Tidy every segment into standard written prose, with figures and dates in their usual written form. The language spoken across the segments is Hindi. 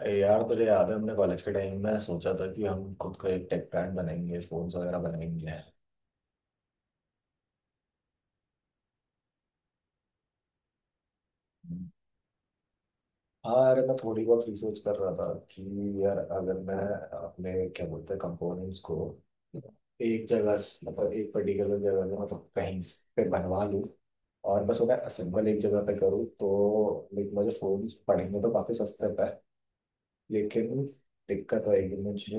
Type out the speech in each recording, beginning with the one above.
अरे यार, तुझे याद है हमने कॉलेज के टाइम में सोचा था कि हम खुद का एक टेक ब्रांड बनाएंगे, फोन्स वगैरह बनाएंगे। हाँ, अरे मैं थोड़ी बहुत रिसर्च कर रहा था कि यार, अगर मैं अपने क्या बोलते हैं कंपोनेंट्स को एक जगह से- मतलब एक पर्टिकुलर जगह में, मतलब कहीं से बनवा लूँ और बस उन्हें असेंबल एक जगह पे करूँ, तो लाइक मुझे फोन पड़ेंगे तो काफ़ी सस्ते पे। लेकिन दिक्कत रहेगी मुझे।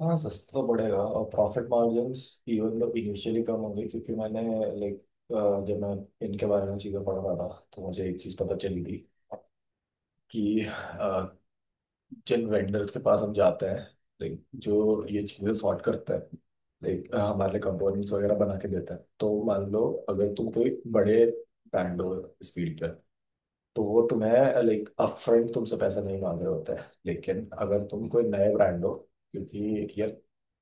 हाँ, सस्ता तो पड़ेगा और प्रॉफिट मार्जिन्स इवन तो इनिशियली कम होंगे, क्योंकि मैंने, लाइक, जब मैं इनके बारे में चीज़ें पढ़ रहा था तो मुझे एक चीज़ पता चली थी कि अ, जिन वेंडर्स के पास हम जाते हैं, लाइक जो ये चीज़ें सॉर्ट करते हैं, लाइक हमारे लिए कंपोनेंट्स वगैरह बना के देते हैं, तो मान लो अगर तुम कोई बड़े ब्रांड हो इस फील्ड, तो वो तुम्हें लाइक अपफ्रंट तुमसे पैसा नहीं मांग रहे होते हैं। लेकिन अगर तुम कोई नए ब्रांड हो, क्योंकि यार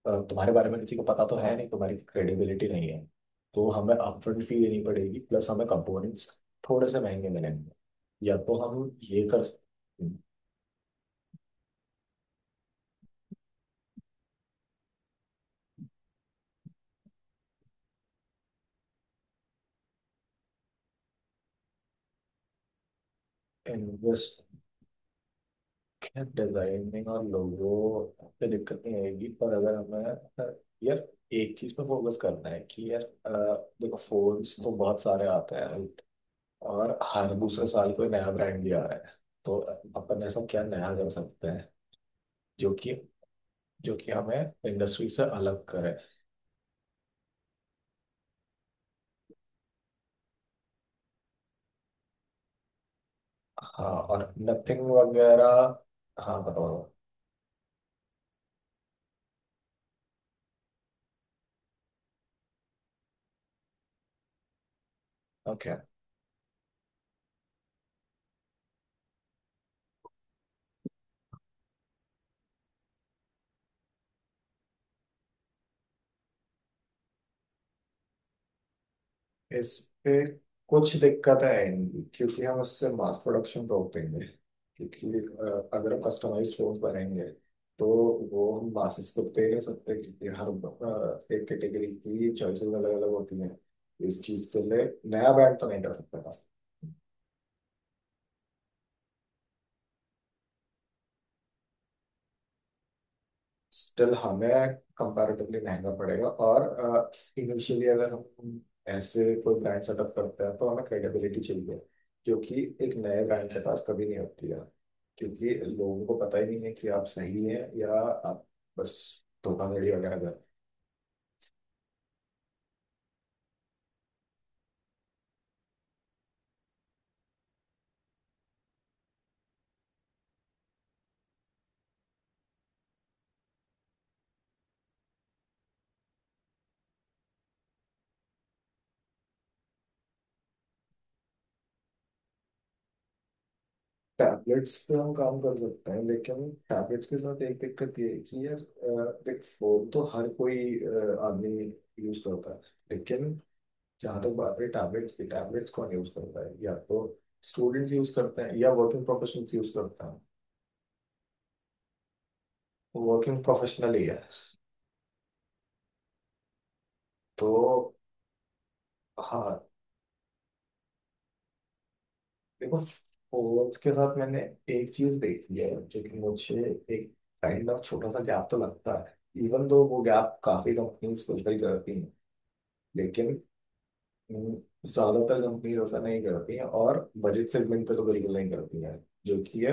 तुम्हारे बारे में किसी को पता तो है नहीं, तुम्हारी क्रेडिबिलिटी नहीं है, तो हमें अपफ्रंट फी देनी पड़ेगी, प्लस हमें कंपोनेंट्स थोड़े से महंगे मिलेंगे। या तो हम ये कर सकते हैं। इन्वेस्ट, डिजाइनिंग और लोगो पे दिक्कत नहीं आएगी, पर अगर हमें, अ, यार, एक चीज पे फोकस करना है कि यार, देखो, फोन्स तो बहुत सारे आते हैं और हर दूसरे साल कोई नया ब्रांड भी आ रहा है। तो अपन ऐसा क्या नया कर सकते हैं जो कि, जो कि हमें इंडस्ट्री से अलग करे। हाँ, और नथिंग वगैरह। हाँ, बताओ। ओके। इस पे कुछ दिक्कतें आएंगी, क्योंकि हम उससे मास प्रोडक्शन रोक देंगे। क्योंकि अगर कस्टमाइज फोन बनाएंगे, तो वो हम मासेस को दे नहीं सकते, क्योंकि हर एक कैटेगरी की चॉइसेस अलग अलग होती हैं। इस चीज के लिए नया ब्रांड तो नहीं कर सकते। स्टिल हमें कंपैरेटिवली महंगा पड़ेगा, और इनिशियली अगर हम ऐसे कोई ब्रांड सेटअप करते हैं, तो हमें क्रेडिबिलिटी चाहिए। क्योंकि एक नए ब्रांड के पास कभी नहीं होती है, क्योंकि लोगों को पता ही नहीं है कि आप सही हैं या आप बस धोखाधड़ी वगैरह कर। टैबलेट्स पे हम काम कर सकते हैं, लेकिन टैबलेट्स के साथ एक दिक्कत ये है कि यार, देख, फोन तो हर कोई आदमी यूज करता है। लेकिन जहाँ तक बात है टैबलेट्स की, टैबलेट्स कौन यूज करता है? या तो स्टूडेंट्स यूज करते हैं या वर्किंग प्रोफेशनल्स यूज करते हैं। वर्किंग प्रोफेशनल ही है। तो हाँ, देखो फोर्स के साथ मैंने एक चीज देखी है जो कि मुझे एक काइंड ऑफ छोटा सा गैप तो लगता है, इवन दो वो गैप काफी कंपनीज फुलफिल करती हैं। लेकिन हम्म, ज्यादातर कंपनीज ऐसा नहीं करती हैं, और बजट सेगमेंट पे तो बिल्कुल नहीं करती हैं। जो कि है,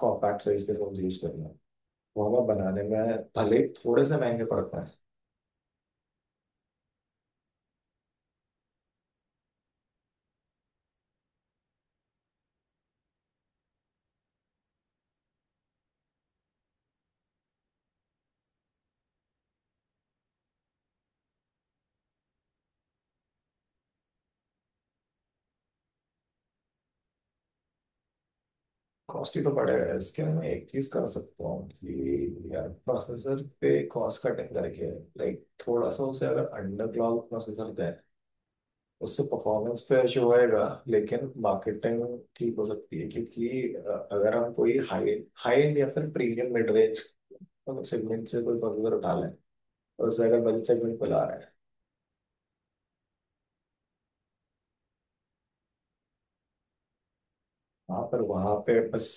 कॉम्पैक्ट साइज के फोन यूज करना, वावा बनाने में भले ही थोड़े से महंगे पड़ते हैं। कॉस्टली तो पड़ेगा। इसके लिए मैं एक चीज कर सकता हूँ कि यार प्रोसेसर पे कॉस्ट कटिंग करके, लाइक थोड़ा सा उसे अगर अंडर क्लाउड प्रोसेसर दें, उससे परफॉर्मेंस पे इशू होएगा। लेकिन मार्केटिंग ठीक हो सकती है, क्योंकि अगर हम कोई हाई, हाई एंड या फिर प्रीमियम मिड रेंज सेगमेंट से कोई प्रोसेसर उठा लें और उसे अगर बजट सेगमेंट पे ला रहे हैं। हाँ, पर वहां पे बस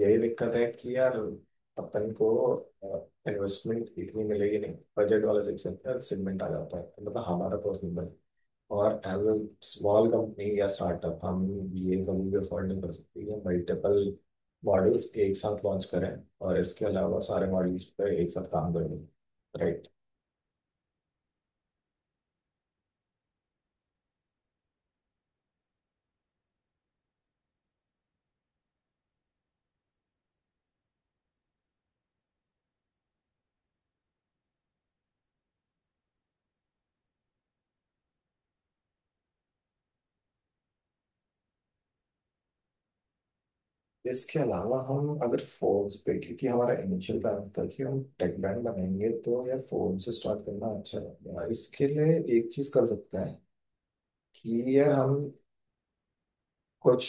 यही दिक्कत है कि यार, अपन को इन्वेस्टमेंट इतनी मिलेगी नहीं, बजट वाला सेक्शन सेगमेंट आ जाता है, मतलब हमारा पर्सनल बजट। और एज अ स्मॉल कंपनी या स्टार्टअप हम ये कभी भी अफोर्ड नहीं कर सकते, ये मल्टीपल मॉड्यूल्स एक साथ लॉन्च करें और इसके अलावा सारे मॉड्यूल्स पे एक साथ काम करें। राइट। इसके अलावा हम अगर फोन्स पे, क्योंकि हमारा इनिशियल प्लान था कि हम टेक ब्रांड बनाएंगे, तो यार फोन से स्टार्ट करना अच्छा रहेगा। इसके लिए एक चीज कर सकते हैं कि यार हम कुछ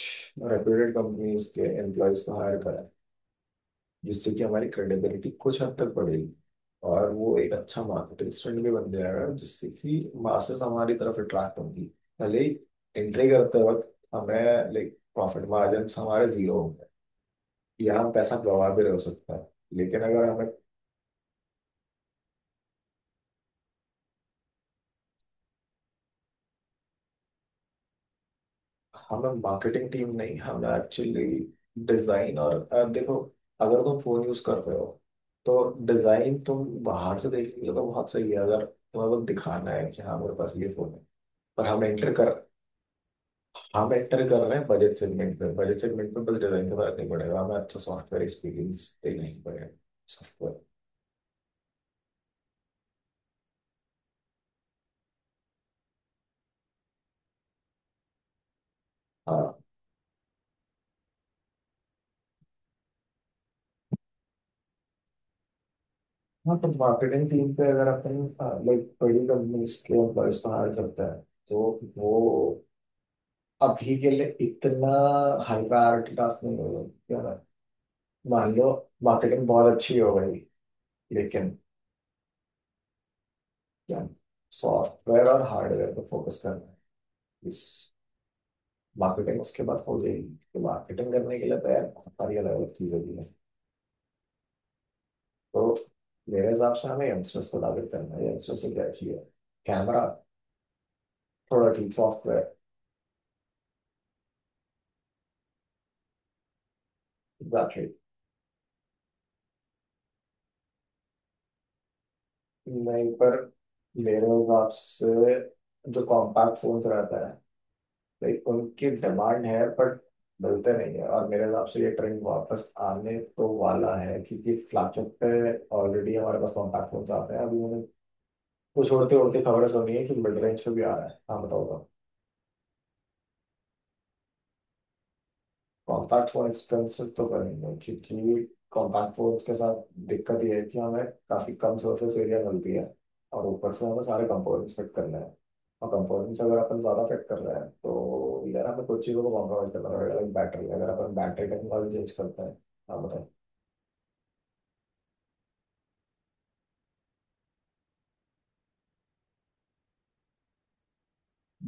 रेप्यूटेड कंपनीज के एम्प्लॉयज को हायर कराएं, जिससे कि हमारी क्रेडिबिलिटी कुछ हद तक बढ़ेगी और वो एक अच्छा मार्केटिंग स्टैंड भी बन जाएगा, जिससे कि मासेस हमारी तरफ अट्रैक्ट होंगी। भले एंट्री करते वक्त हमें लाइक प्रॉफिट मार्जिन हमारे जीरो होंगे, यहाँ पैसा गंवा भी हो सकता है। लेकिन अगर हमें, हमें मार्केटिंग टीम नहीं, हमें एक्चुअली डिजाइन और देखो, अगर तुम फोन यूज कर रहे हो तो डिजाइन तुम बाहर से देख लो तो बहुत सही है, अगर तुम्हें बस दिखाना है कि हाँ मेरे पास ये फोन है। पर हम एंटर कर, हम एंटर कर रहे हैं बजट सेगमेंट में, बजट सेगमेंट में बस डिजाइन का फर्क नहीं पड़ेगा, हमें अच्छा सॉफ्टवेयर एक्सपीरियंस देना ही पड़ेगा। सॉफ्टवेयर। हाँ, तो मार्केटिंग टीम पे अगर अपन लाइक बड़ी कंपनीज के एम्प्लॉयज को हायर करता है, तो वो अभी के लिए इतना हाई प्रायोरिटी टास्क नहीं होगा क्या ना? मान लो मार्केटिंग बहुत अच्छी हो गई, लेकिन क्या? सॉफ्टवेयर और हार्डवेयर पर फोकस करना है। इस, मार्केटिंग उसके बाद हो जाएगी, तो मार्केटिंग करने के लिए तो यार बहुत सारी अलग अलग चीज़ें भी हैं। तो मेरे हिसाब से हमें यंगस्टर्स को टारगेट करना है। यंगस्टर्स से क्या चाहिए? कैमरा, थोड़ा ठीक सॉफ्टवेयर। नहीं, पर मेरे हिसाब से जो कॉम्पैक्ट फोन्स रहता है, लाइक उनकी डिमांड है, बट मिलते नहीं है। और मेरे हिसाब से ये ट्रेंड वापस आने तो वाला है, क्योंकि फ्लैगशिप पे ऑलरेडी हमारे पास कॉम्पैक्ट फोन्स आते हैं। अभी मैंने कुछ उड़ते उड़ते खबरें सुनी है कि मिड रेंज पे भी आ रहा है। हाँ, बताओ। कॉन्टैक्ट और एक्सपेंसिव तो करेंगे, क्योंकि कॉन्टैक्ट फोन्स के साथ दिक्कत ये है कि हमें काफ़ी कम सरफेस एरिया मिलती है, और ऊपर से हमें सारे कंपोनेंट्स फिट करने हैं। और कंपोनेंट्स अगर अपन ज़्यादा फिट कर रहे हैं, तो यार हमें कुछ चीज़ों को कॉम्प्रोमाइज़ करना पड़ेगा, लाइक बैटरी, अगर अपन बैटरी टेक्नोलॉजी चेंज करते हैं। हाँ, बताएं।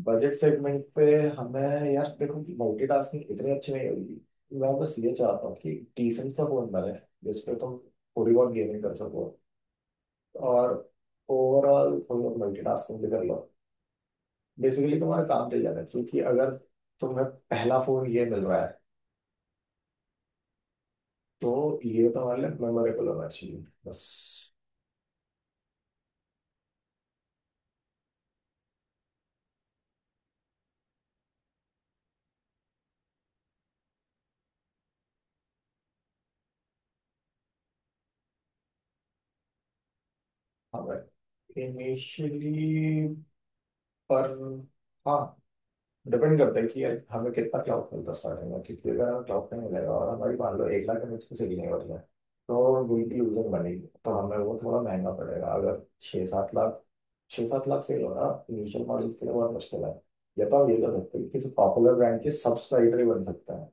बजट सेगमेंट पे हमें, यार देखो कि मल्टीटास्किंग इतनी अच्छी नहीं होगी। मैं बस ये चाहता हूँ कि डिसेंट सा फोन बने जिसपे तुम थोड़ी बहुत गेमिंग कर सको और ओवरऑल तुम लोग मल्टीटास्किंग भी कर लो। बेसिकली तुम्हारा काम चल जाएगा, क्योंकि अगर तुम्हें पहला फोन ये मिल रहा है, तो ये तुम्हारे लिए मेमोरेबल होना चाहिए, बस। हाँ भाई, इनिशियली, पर हाँ, डिपेंड करता है कि हमें कितना क्लाउड मिलता है स्टार्टिंग में, क्योंकि अगर हमें क्लाउड नहीं मिलेगा और हमारी मान लो 1,00,000 में मुझको से भी नहीं बढ़ रहा है, तो विल की यूजर बनेगी। तो हमें वो थोड़ा महंगा पड़ेगा। अगर 6-7 लाख, 6-7 लाख से होना इनिशियल मॉडल्स के लिए बहुत मुश्किल है। या तो आप ये कर सकते हैं कि किसी पॉपुलर ब्रांड के सब्सक्राइबर ही बन सकते हैं।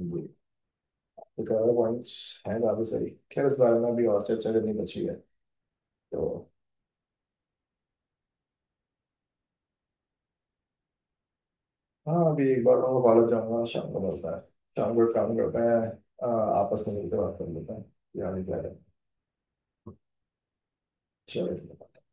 जी, तो कलर पॉइंट्स हैं काफ़ी सारी। खैर, इस बारे में भी और चर्चा करनी बची है। तो हाँ, अभी एक बार मैं कॉलेज जाऊँगा, शाम को मिलता है। शाम को एक काम करते हैं, अ, आपस में मिलकर बात कर लेते हैं। यार क्या है। चेले देपा.